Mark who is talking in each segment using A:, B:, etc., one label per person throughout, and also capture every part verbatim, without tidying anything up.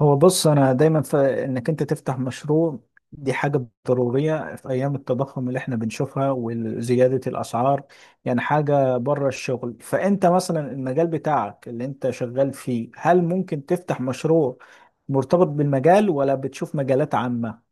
A: هو، بص. انا دايما في انك انت تفتح مشروع. دي حاجة ضرورية في ايام التضخم اللي احنا بنشوفها وزيادة الاسعار. يعني حاجة بره الشغل. فانت مثلا المجال بتاعك اللي انت شغال فيه، هل ممكن تفتح مشروع مرتبط بالمجال، ولا بتشوف مجالات عامة؟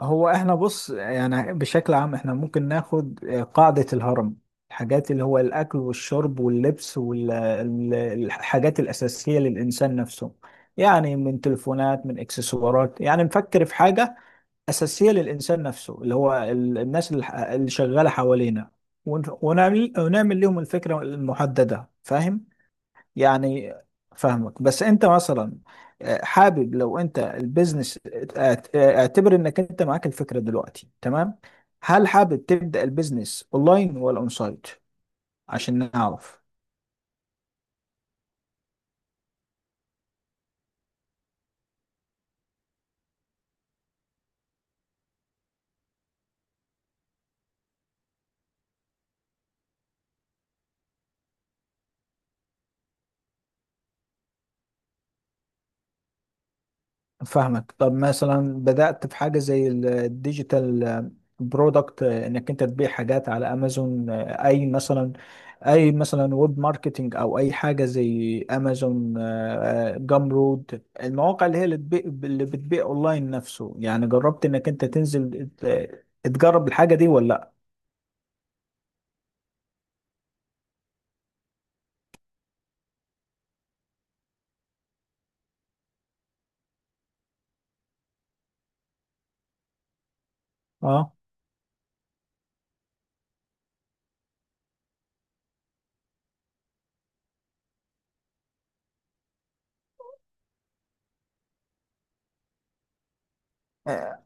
A: هو احنا، بص، يعني بشكل عام احنا ممكن ناخد آه، قاعدة الهرم، الحاجات اللي هو الأكل والشرب واللبس والحاجات الأساسية للإنسان نفسه. يعني من تليفونات، من إكسسوارات، يعني نفكر في حاجة أساسية للإنسان نفسه اللي هو ال- الناس اللي ح- اللي شغالة حوالينا، ون- ونعمل ونعمل لهم الفكرة المحددة. فاهم؟ يعني فاهمك، بس انت مثلا، آه، حابب لو انت البيزنس، اعت- اعتبر انك انت معاك الفكرة دلوقتي، تمام. هل حابب تبدأ البيزنس اونلاين ولا اون سايت، عشان نعرف؟ فاهمك. طب مثلا بدأت في حاجة زي ال- الديجيتال برودكت، آه، انك انت تبيع حاجات على امازون، آه، اي مثلا اي مثلا ويب ماركتنج، او اي حاجة زي امازون، جامرود، المواقع اللي هي اللي بتبيع اللي بتبيع اونلاين نفسه. يعني جربت انك انت تنزل ت- تجرب الحاجة دي ولا لا؟ اه.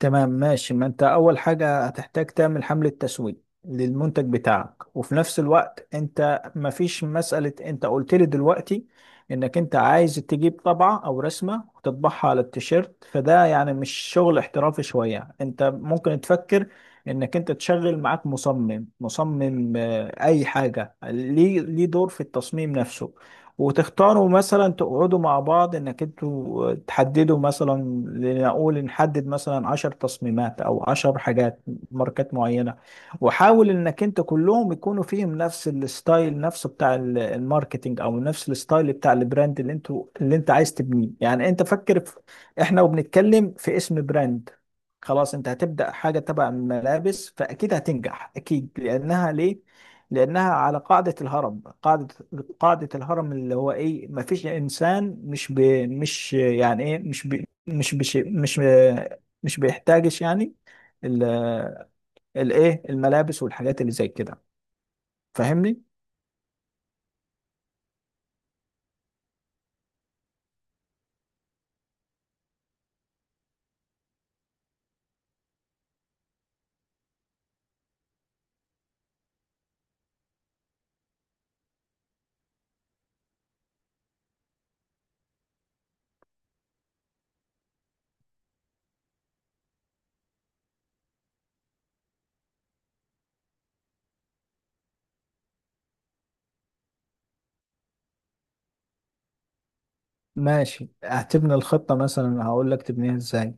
A: تمام، ماشي. ما انت اول حاجة هتحتاج تعمل حملة تسويق للمنتج بتاعك. وفي نفس الوقت انت مفيش مسألة، انت قلت لي دلوقتي انك انت عايز تجيب طبعة او رسمة وتطبعها على التيشيرت، فده يعني مش شغل احترافي شوية. انت ممكن تفكر انك انت تشغل معاك مصمم مصمم، آه، اي حاجة، ليه ليه دور في التصميم نفسه. وتختاروا مثلا، تقعدوا مع بعض انك انتوا تحددوا مثلا، لنقول نحدد مثلا عشر تصميمات او عشر حاجات، ماركات معينة. وحاول انك انت كلهم يكونوا فيهم نفس الستايل نفسه بتاع ال- الماركتينج، او نفس الستايل بتاع البراند اللي انتوا اللي انت عايز تبنيه. يعني انت فكر في، احنا وبنتكلم، في اسم براند. خلاص. انت هتبدأ حاجة تبع الملابس، فاكيد هتنجح، اكيد، لانها ليه؟ لأنها على قاعدة الهرم، قاعدة قاعدة الهرم اللي هو إيه. ما فيش إنسان مش ب... مش يعني إيه، مش ب... مش بش... مش مش بيحتاجش يعني ال... الإيه، الملابس والحاجات اللي زي كده. فاهمني؟ ماشي. هتبني الخطة مثلا، هقول لك تبنيها إزاي.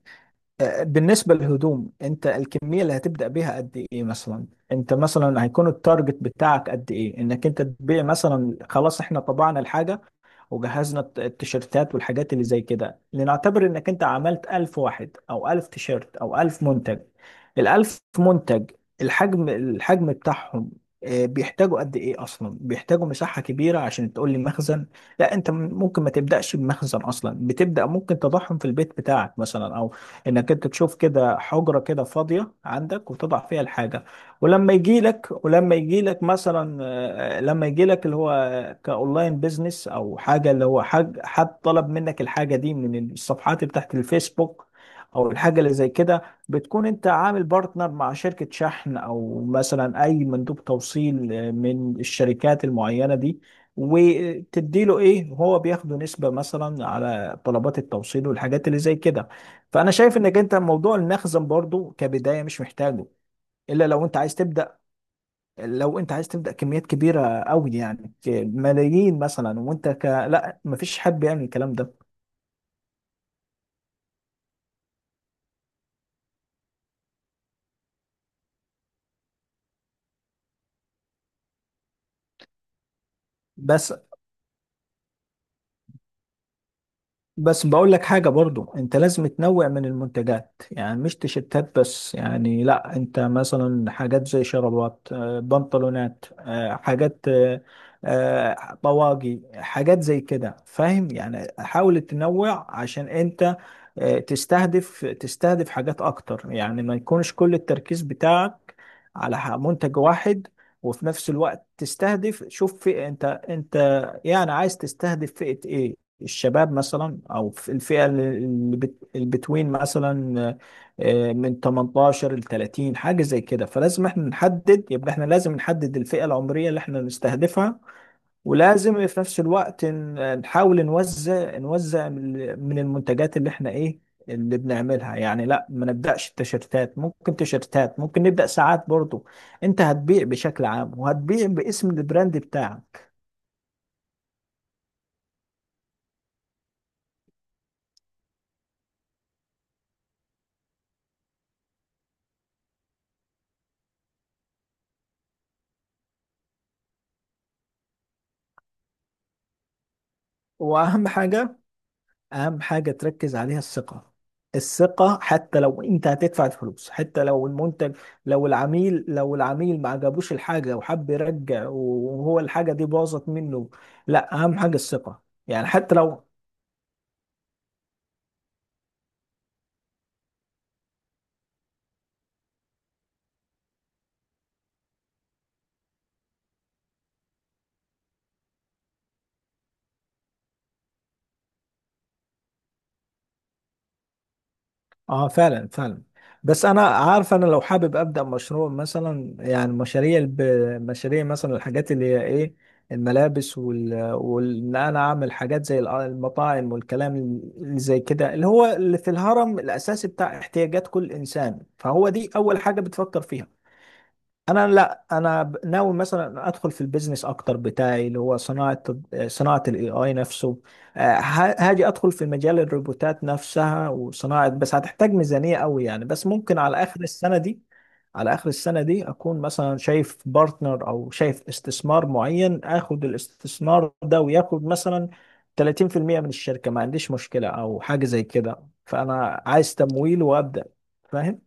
A: آه، بالنسبة للهدوم، أنت الكمية اللي هتبدأ بيها قد إيه مثلا؟ أنت مثلا هيكون التارجت بتاعك قد إيه؟ إنك أنت تبيع مثلا، خلاص إحنا طبعنا الحاجة وجهزنا الت- التيشيرتات والحاجات اللي زي كده. لنعتبر انك انت عملت ألف واحد، او ألف تيشيرت، او ألف منتج. الألف منتج، الحجم الحجم بتاعهم، آه، بيحتاجوا قد ايه؟ اصلا بيحتاجوا مساحة كبيرة عشان تقول لي مخزن؟ لا. انت م- ممكن ما تبدأش بمخزن اصلا. بتبدأ، ممكن تضعهم في البيت بتاعك مثلا، او انك انت تشوف كده حجرة كده فاضية عندك وتضع فيها الحاجة. ولما يجي لك ولما يجي لك مثلا آه، لما يجي لك اللي هو كاونلاين بيزنس او حاجه، اللي هو حاج حد طلب منك الحاجه دي من الصفحات بتاعت الفيسبوك او الحاجه اللي زي كده، بتكون انت عامل بارتنر مع شركه شحن، او مثلا اي مندوب توصيل آه، من الشركات المعينه دي. وتديله ايه، هو بياخده نسبه مثلا على طلبات التوصيل والحاجات اللي زي كده. فانا شايف انك انت موضوع المخزن برضو كبدايه مش محتاجه، الا لو انت عايز تبدا. لو انت عايز تبدا كميات كبيره قوي، يعني ك- ملايين مثلا، وانت ك... لا، مفيش حد بيعمل الكلام ده. بس بس بقول لك حاجه: برضو انت لازم تنوع من المنتجات، يعني مش تيشيرتات بس. يعني لا، انت مثلا حاجات زي شرابات، آه، بنطلونات، آه، حاجات، آه، آه، طواقي، حاجات زي كده. فاهم؟ يعني حاول تنوع عشان انت آه، تستهدف تستهدف حاجات اكتر. يعني ما يكونش كل التركيز بتاعك على ح- منتج واحد. وفي نفس الوقت تستهدف، شوف فئة، انت انت يعني عايز تستهدف فئة ايه؟ الشباب مثلا، او في الفئة اللي بت- البتوين مثلا، آه، من تمنتاشر ل تلاتين، حاجة زي كده. فلازم احنا نحدد، يبقى احنا لازم نحدد الفئة العمرية اللي احنا نستهدفها. ولازم في نفس الوقت ن- نحاول نوزع نوزع من من المنتجات اللي احنا ايه اللي بنعملها. يعني لا، ما نبدأش التيشيرتات، ممكن تيشيرتات، ممكن نبدأ ساعات برضو. انت هتبيع بشكل عام، وهتبيع باسم البراند بتاعك. واهم حاجة، اهم حاجة تركز عليها: الثقة. الثقة حتى لو انت هتدفع الفلوس، حتى لو المنتج، لو العميل لو العميل ما عجبوش الحاجة وحب يرجع، وهو الحاجة دي باظت منه، لا، اهم حاجة الثقة. يعني حتى لو، اه، فعلا فعلا. بس انا عارف، انا لو حابب ابدا مشروع مثلا، يعني مشاريع الب... مشاريع مثلا، الحاجات اللي هي ايه، الملابس وال... وان انا اعمل حاجات زي الأ- المطاعم والكلام اللي زي كده، اللي هو اللي في الهرم الاساسي بتاع احتياجات كل انسان، فهو دي اول حاجة بتفكر فيها. انا لا، انا ب- ناوي مثلا ادخل في البيزنس اكتر بتاعي اللي هو صناعه، صناعه الاي اي نفسه. آه، ه- هاجي ادخل في مجال الروبوتات نفسها وصناعه، بس هتحتاج ميزانيه قوي. يعني بس ممكن على اخر السنه دي، على اخر السنه دي اكون مثلا شايف بارتنر او شايف استثمار معين، اخد الاستثمار ده وياخد مثلا تلاتين بالمية من الشركه، ما عنديش مشكله او حاجه زي كده. فانا عايز تمويل وابدا، فاهم.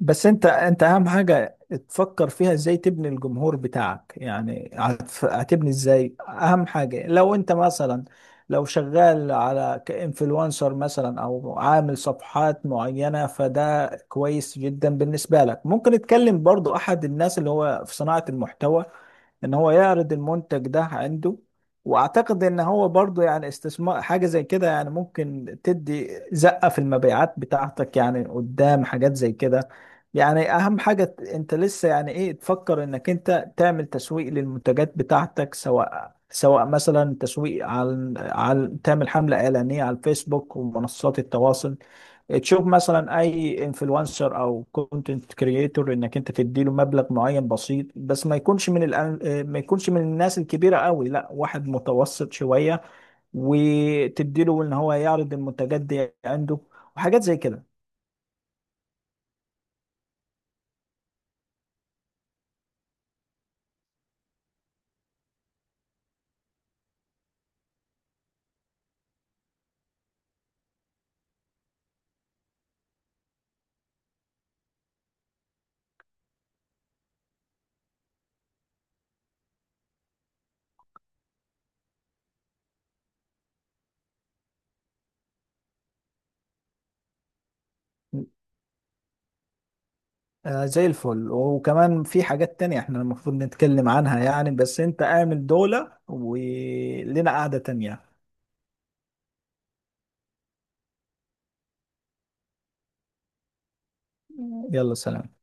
A: بس انت، انت اهم حاجة تفكر فيها ازاي تبني الجمهور بتاعك، يعني هتف- هتبني ازاي. اهم حاجة لو انت مثلا، لو شغال على كإنفلونسر مثلا او عامل صفحات معينة، فده كويس جدا بالنسبة لك. ممكن تكلم برضو احد الناس اللي هو في صناعة المحتوى ان هو يعرض المنتج ده عنده. واعتقد ان هو برضو يعني استثمار، حاجة زي كده يعني ممكن تدي زقة في المبيعات بتاعتك، يعني قدام حاجات زي كده. يعني اهم حاجة ت- انت لسه يعني ايه، تفكر انك انت تعمل تسويق للمنتجات بتاعتك، سواء سواء مثلا تسويق على على تعمل حملة إعلانية على الفيسبوك ومنصات التواصل. تشوف مثلا اي انفلونسر او كونتنت كرييتور، انك انت تديله مبلغ معين بسيط، بس ما يكونش من الأن... ما يكونش من الناس الكبيره قوي، لا واحد متوسط شويه، وتديله ان هو يعرض المنتجات دي عنده وحاجات زي كده. آه، زي الفل. وكمان في حاجات تانية احنا المفروض نتكلم عنها، يعني بس انت اعمل دولة ولنا قعدة تانية. يلا، سلام.